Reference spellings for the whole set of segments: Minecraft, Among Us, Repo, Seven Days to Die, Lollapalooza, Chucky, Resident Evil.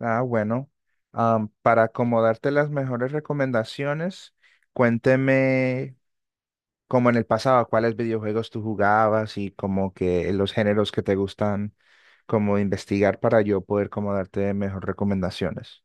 Ah, bueno, para acomodarte las mejores recomendaciones, cuénteme como en el pasado, cuáles videojuegos tú jugabas y como que los géneros que te gustan, como investigar para yo poder como darte mejores recomendaciones.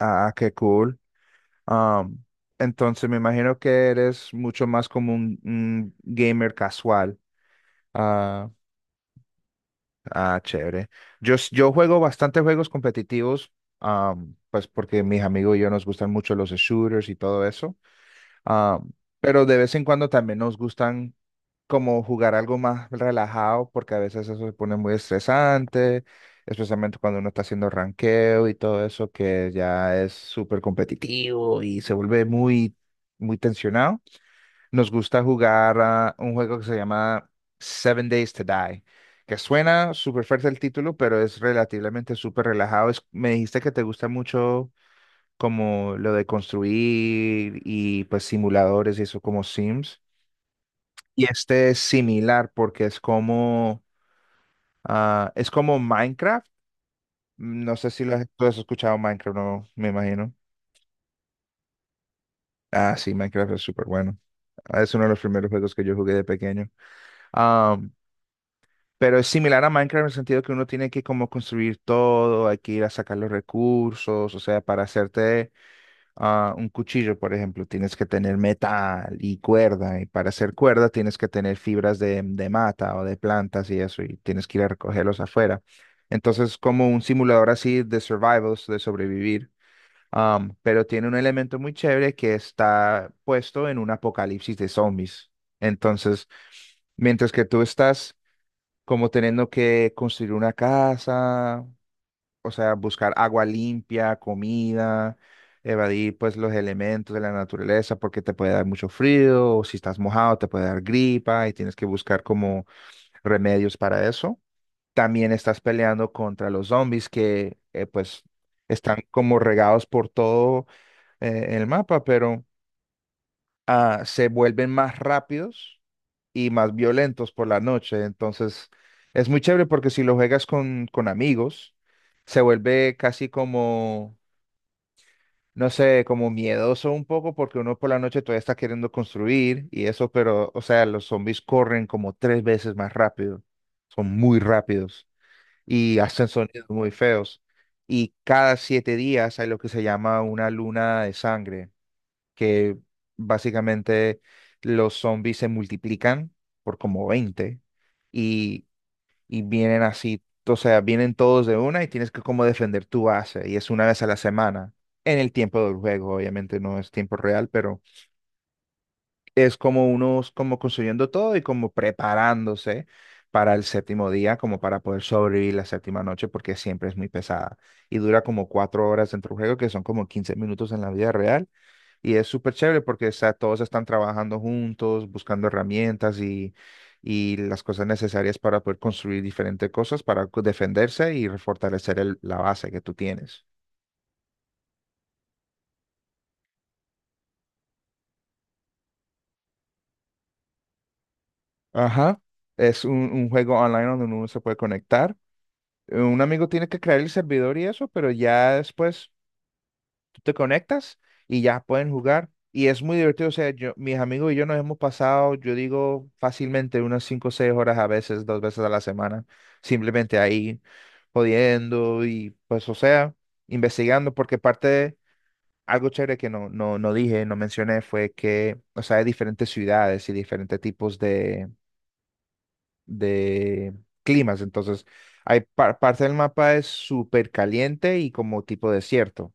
Ah, qué cool. Am, entonces me imagino que eres mucho más como un gamer casual. Ah. Ah, chévere. Yo juego bastantes juegos competitivos, pues porque mis amigos y yo nos gustan mucho los shooters y todo eso, am, pero de vez en cuando también nos gustan como jugar algo más relajado, porque a veces eso se pone muy estresante, especialmente cuando uno está haciendo ranqueo y todo eso, que ya es súper competitivo y se vuelve muy, muy tensionado. Nos gusta jugar a un juego que se llama Seven Days to Die, que suena súper fuerte el título, pero es relativamente súper relajado. Me dijiste que te gusta mucho como lo de construir y pues simuladores y eso como Sims. Y este es similar porque es como Minecraft. No sé si tú has escuchado Minecraft, no, me imagino. Ah, sí, Minecraft es súper bueno. Ah, es uno de los primeros juegos que yo jugué de pequeño. Pero es similar a Minecraft en el sentido que uno tiene que como construir todo, hay que ir a sacar los recursos, o sea, para hacerte un cuchillo, por ejemplo, tienes que tener metal y cuerda, y para hacer cuerda tienes que tener fibras de mata o de plantas y eso, y tienes que ir a recogerlos afuera. Entonces, como un simulador así de survivals, de sobrevivir, pero tiene un elemento muy chévere que está puesto en un apocalipsis de zombies. Entonces, mientras que tú estás como teniendo que construir una casa, o sea, buscar agua limpia, comida, evadir pues los elementos de la naturaleza porque te puede dar mucho frío, o si estás mojado te puede dar gripa y tienes que buscar como remedios para eso. También estás peleando contra los zombies que pues están como regados por todo el mapa, pero se vuelven más rápidos y más violentos por la noche. Entonces, es muy chévere porque si lo juegas con amigos, se vuelve casi como, no sé, como miedoso un poco porque uno por la noche todavía está queriendo construir y eso, pero, o sea, los zombies corren como tres veces más rápido. Son muy rápidos y hacen sonidos muy feos. Y cada 7 días hay lo que se llama una luna de sangre que básicamente los zombies se multiplican por como 20 y, y vienen así, o sea, vienen todos de una y tienes que como defender tu base y es una vez a la semana. En el tiempo del juego, obviamente no es tiempo real, pero es como unos como construyendo todo y como preparándose para el séptimo día, como para poder sobrevivir la séptima noche, porque siempre es muy pesada y dura como 4 horas dentro del juego, que son como 15 minutos en la vida real y es súper chévere porque o sea, todos están trabajando juntos, buscando herramientas y las cosas necesarias para poder construir diferentes cosas, para defenderse y fortalecer la base que tú tienes. Ajá. Es un juego online donde uno se puede conectar. Un amigo tiene que crear el servidor y eso, pero ya después te conectas y ya pueden jugar. Y es muy divertido, o sea, mis amigos y yo nos hemos pasado, yo digo, fácilmente unas 5 o 6 horas a veces, dos veces a la semana, simplemente ahí, jodiendo y pues, o sea, investigando, porque parte de algo chévere que no dije, no mencioné, fue que, o sea, hay diferentes ciudades y diferentes tipos de climas, entonces, hay parte del mapa es súper caliente y como tipo desierto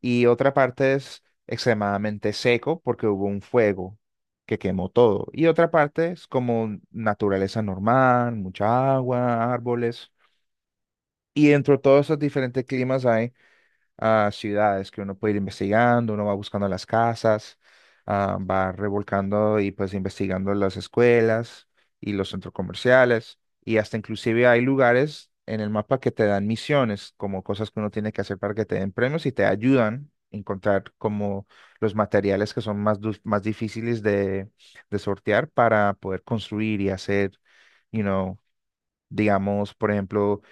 y otra parte es extremadamente seco porque hubo un fuego que quemó todo. Y otra parte es como naturaleza normal, mucha agua, árboles. Y dentro de todos esos diferentes climas hay a ciudades que uno puede ir investigando, uno va buscando las casas, va revolcando y pues investigando las escuelas y los centros comerciales y hasta inclusive hay lugares en el mapa que te dan misiones, como cosas que uno tiene que hacer para que te den premios y te ayudan a encontrar como los materiales que son más difíciles de sortear para poder construir y hacer, you know, digamos, por ejemplo,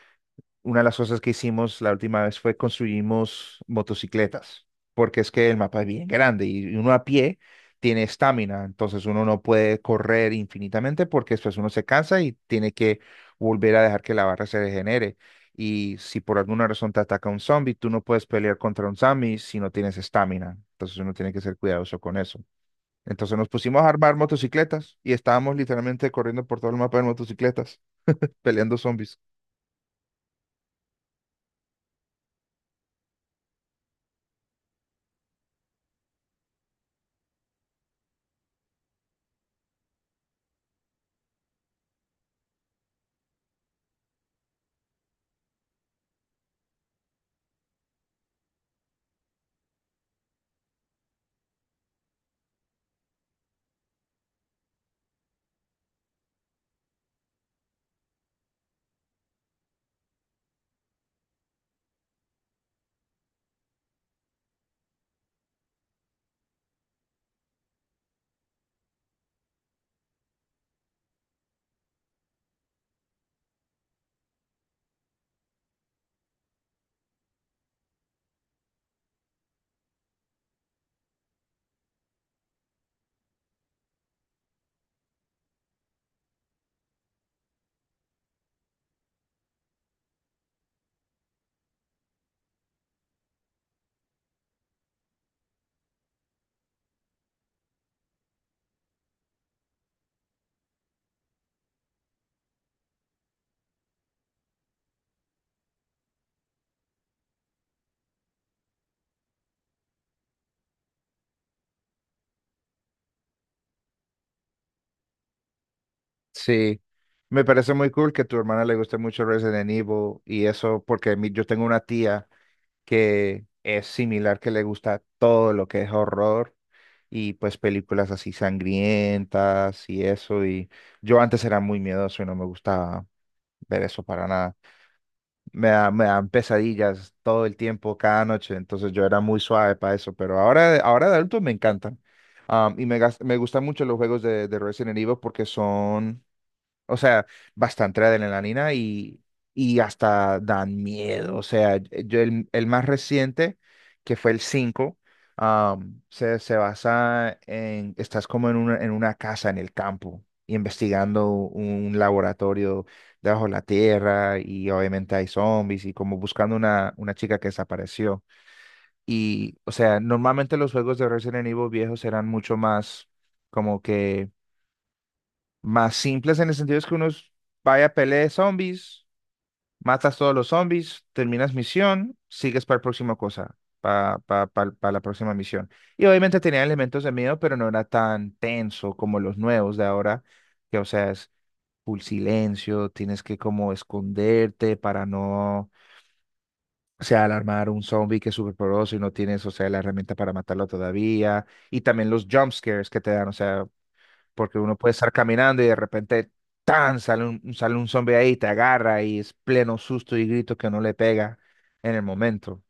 una de las cosas que hicimos la última vez fue construimos motocicletas, porque es que el mapa es bien grande y uno a pie tiene estamina, entonces uno no puede correr infinitamente porque después uno se cansa y tiene que volver a dejar que la barra se regenere. Y si por alguna razón te ataca un zombie, tú no puedes pelear contra un zombie si no tienes estamina. Entonces uno tiene que ser cuidadoso con eso. Entonces nos pusimos a armar motocicletas y estábamos literalmente corriendo por todo el mapa en motocicletas, peleando zombies. Sí, me parece muy cool que a tu hermana le guste mucho Resident Evil y eso porque yo tengo una tía que es similar, que le gusta todo lo que es horror y pues películas así sangrientas y eso y yo antes era muy miedoso y no me gustaba ver eso para nada. Me dan pesadillas todo el tiempo, cada noche, entonces yo era muy suave para eso, pero ahora de adulto me encantan. Y me gustan mucho los juegos de Resident Evil porque son o sea, bastante adrenalina y hasta dan miedo. O sea, yo el más reciente, que fue el 5. Se basa en, estás como en una, casa en el campo, investigando un laboratorio debajo de la tierra y obviamente hay zombies y como buscando una chica que desapareció. Y, o sea, normalmente los juegos de Resident Evil viejos eran mucho más como que más simples en el sentido es que vaya a pelea de zombies, matas todos los zombies, terminas misión, sigues para la próxima cosa, para la próxima misión. Y obviamente tenía elementos de miedo, pero no era tan tenso como los nuevos de ahora, que o sea, es full silencio, tienes que como esconderte para no, o sea, alarmar un zombie que es súper poderoso y no tienes, o sea, la herramienta para matarlo todavía. Y también los jump scares que te dan, o sea, porque uno puede estar caminando y de repente tan sale un zombie ahí, te agarra y es pleno susto y grito que no le pega en el momento.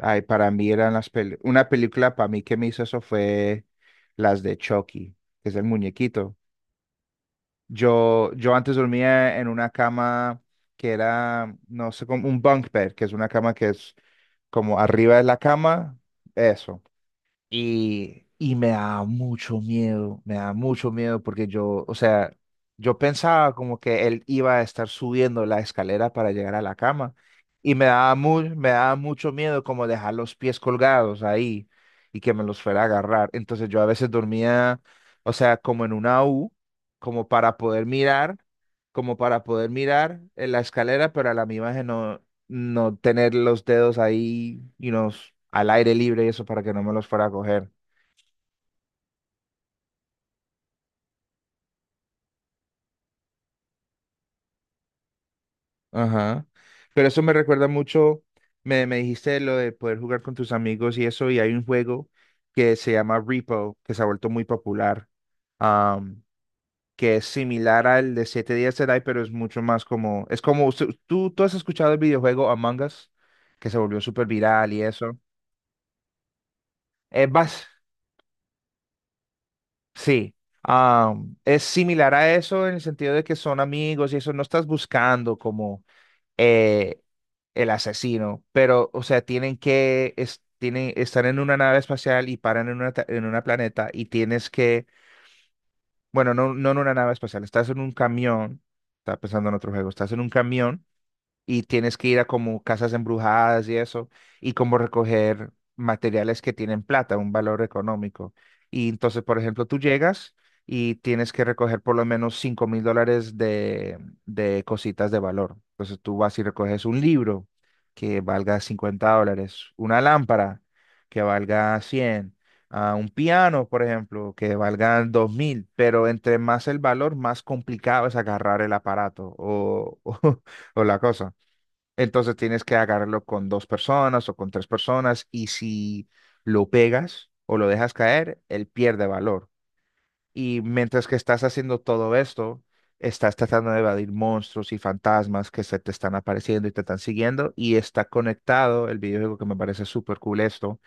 Ay, para mí eran una película para mí que me hizo eso fue las de Chucky, que es el muñequito. Yo antes dormía en una cama que era, no sé, como un bunk bed, que es una cama que es como arriba de la cama, eso. Y me da mucho miedo, me da mucho miedo porque yo, o sea, yo pensaba como que él iba a estar subiendo la escalera para llegar a la cama y me daba mu- me daba mucho miedo como dejar los pies colgados ahí y que me los fuera a agarrar. Entonces yo a veces dormía, o sea, como en una U, como para poder mirar, como para poder mirar en la escalera, pero a la misma vez no, no tener los dedos ahí y unos al aire libre y eso para que no me los fuera a coger. Ajá. Pero eso me recuerda mucho, me dijiste lo de poder jugar con tus amigos y eso, y hay un juego que se llama Repo, que se ha vuelto muy popular, am, que es similar al de 7 días de Die, pero es mucho más como, es como, ¿Tú has escuchado el videojuego Among Us, que se volvió súper viral y eso? Es vas, Sí, es similar a eso en el sentido de que son amigos y eso no estás buscando como eh, el asesino, pero o sea, tienen que tienen, están en una nave espacial y paran en una, en una planeta y tienes que, bueno, no, no en una nave espacial, estás en un camión, estaba pensando en otro juego, estás en un camión y tienes que ir a como casas embrujadas y eso, y como recoger materiales que tienen plata, un valor económico. Y entonces, por ejemplo, tú llegas y tienes que recoger por lo menos $5000 de cositas de valor. Entonces tú vas y recoges un libro que valga $50, una lámpara que valga 100 a un piano, por ejemplo, que valga 2000 pero entre más el valor, más complicado es agarrar el aparato o, o la cosa. Entonces tienes que agarrarlo con dos personas o con tres personas y si lo pegas o lo dejas caer, él pierde valor. Y mientras que estás haciendo todo esto, estás tratando de evadir monstruos y fantasmas que se te están apareciendo y te están siguiendo y está conectado el videojuego que me parece súper cool esto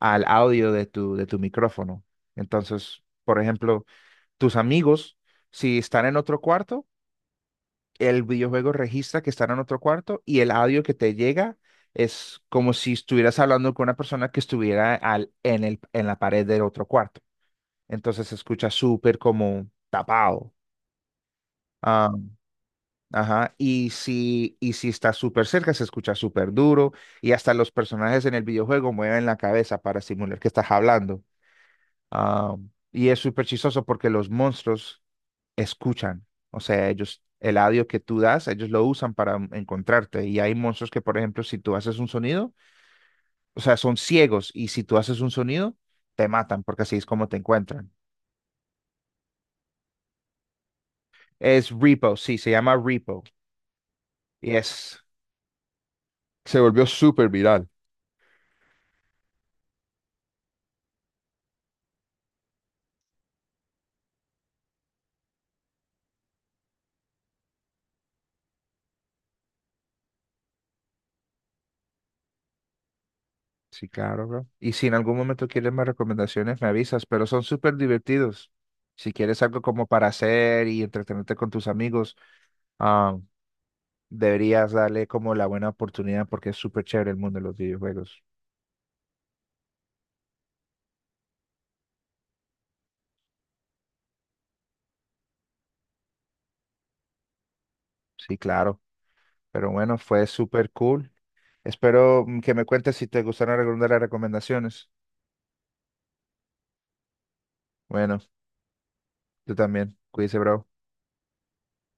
al audio de tu micrófono. Entonces, por ejemplo, tus amigos, si están en otro cuarto, el videojuego registra que están en otro cuarto y el audio que te llega es como si estuvieras hablando con una persona que estuviera al, en el, en la pared del otro cuarto. Entonces se escucha súper como tapado. Ah, ajá. Y si está súper cerca, se escucha súper duro. Y hasta los personajes en el videojuego mueven la cabeza para simular que estás hablando. Ah, y es súper chistoso porque los monstruos escuchan. O sea, ellos, el audio que tú das, ellos lo usan para encontrarte. Y hay monstruos que, por ejemplo, si tú haces un sonido, o sea, son ciegos y si tú haces un sonido, te matan porque así es como te encuentran. Es Repo, sí, se llama Repo. Y es, Se volvió súper viral. Sí, claro, bro. Y si en algún momento quieres más recomendaciones, me avisas, pero son súper divertidos. Si quieres algo como para hacer y entretenerte con tus amigos, ah, deberías darle como la buena oportunidad porque es súper chévere el mundo de los videojuegos. Sí, claro. Pero bueno, fue súper cool. Espero que me cuentes si te gustaron algunas de las recomendaciones. Bueno, tú también. Cuídese, bro.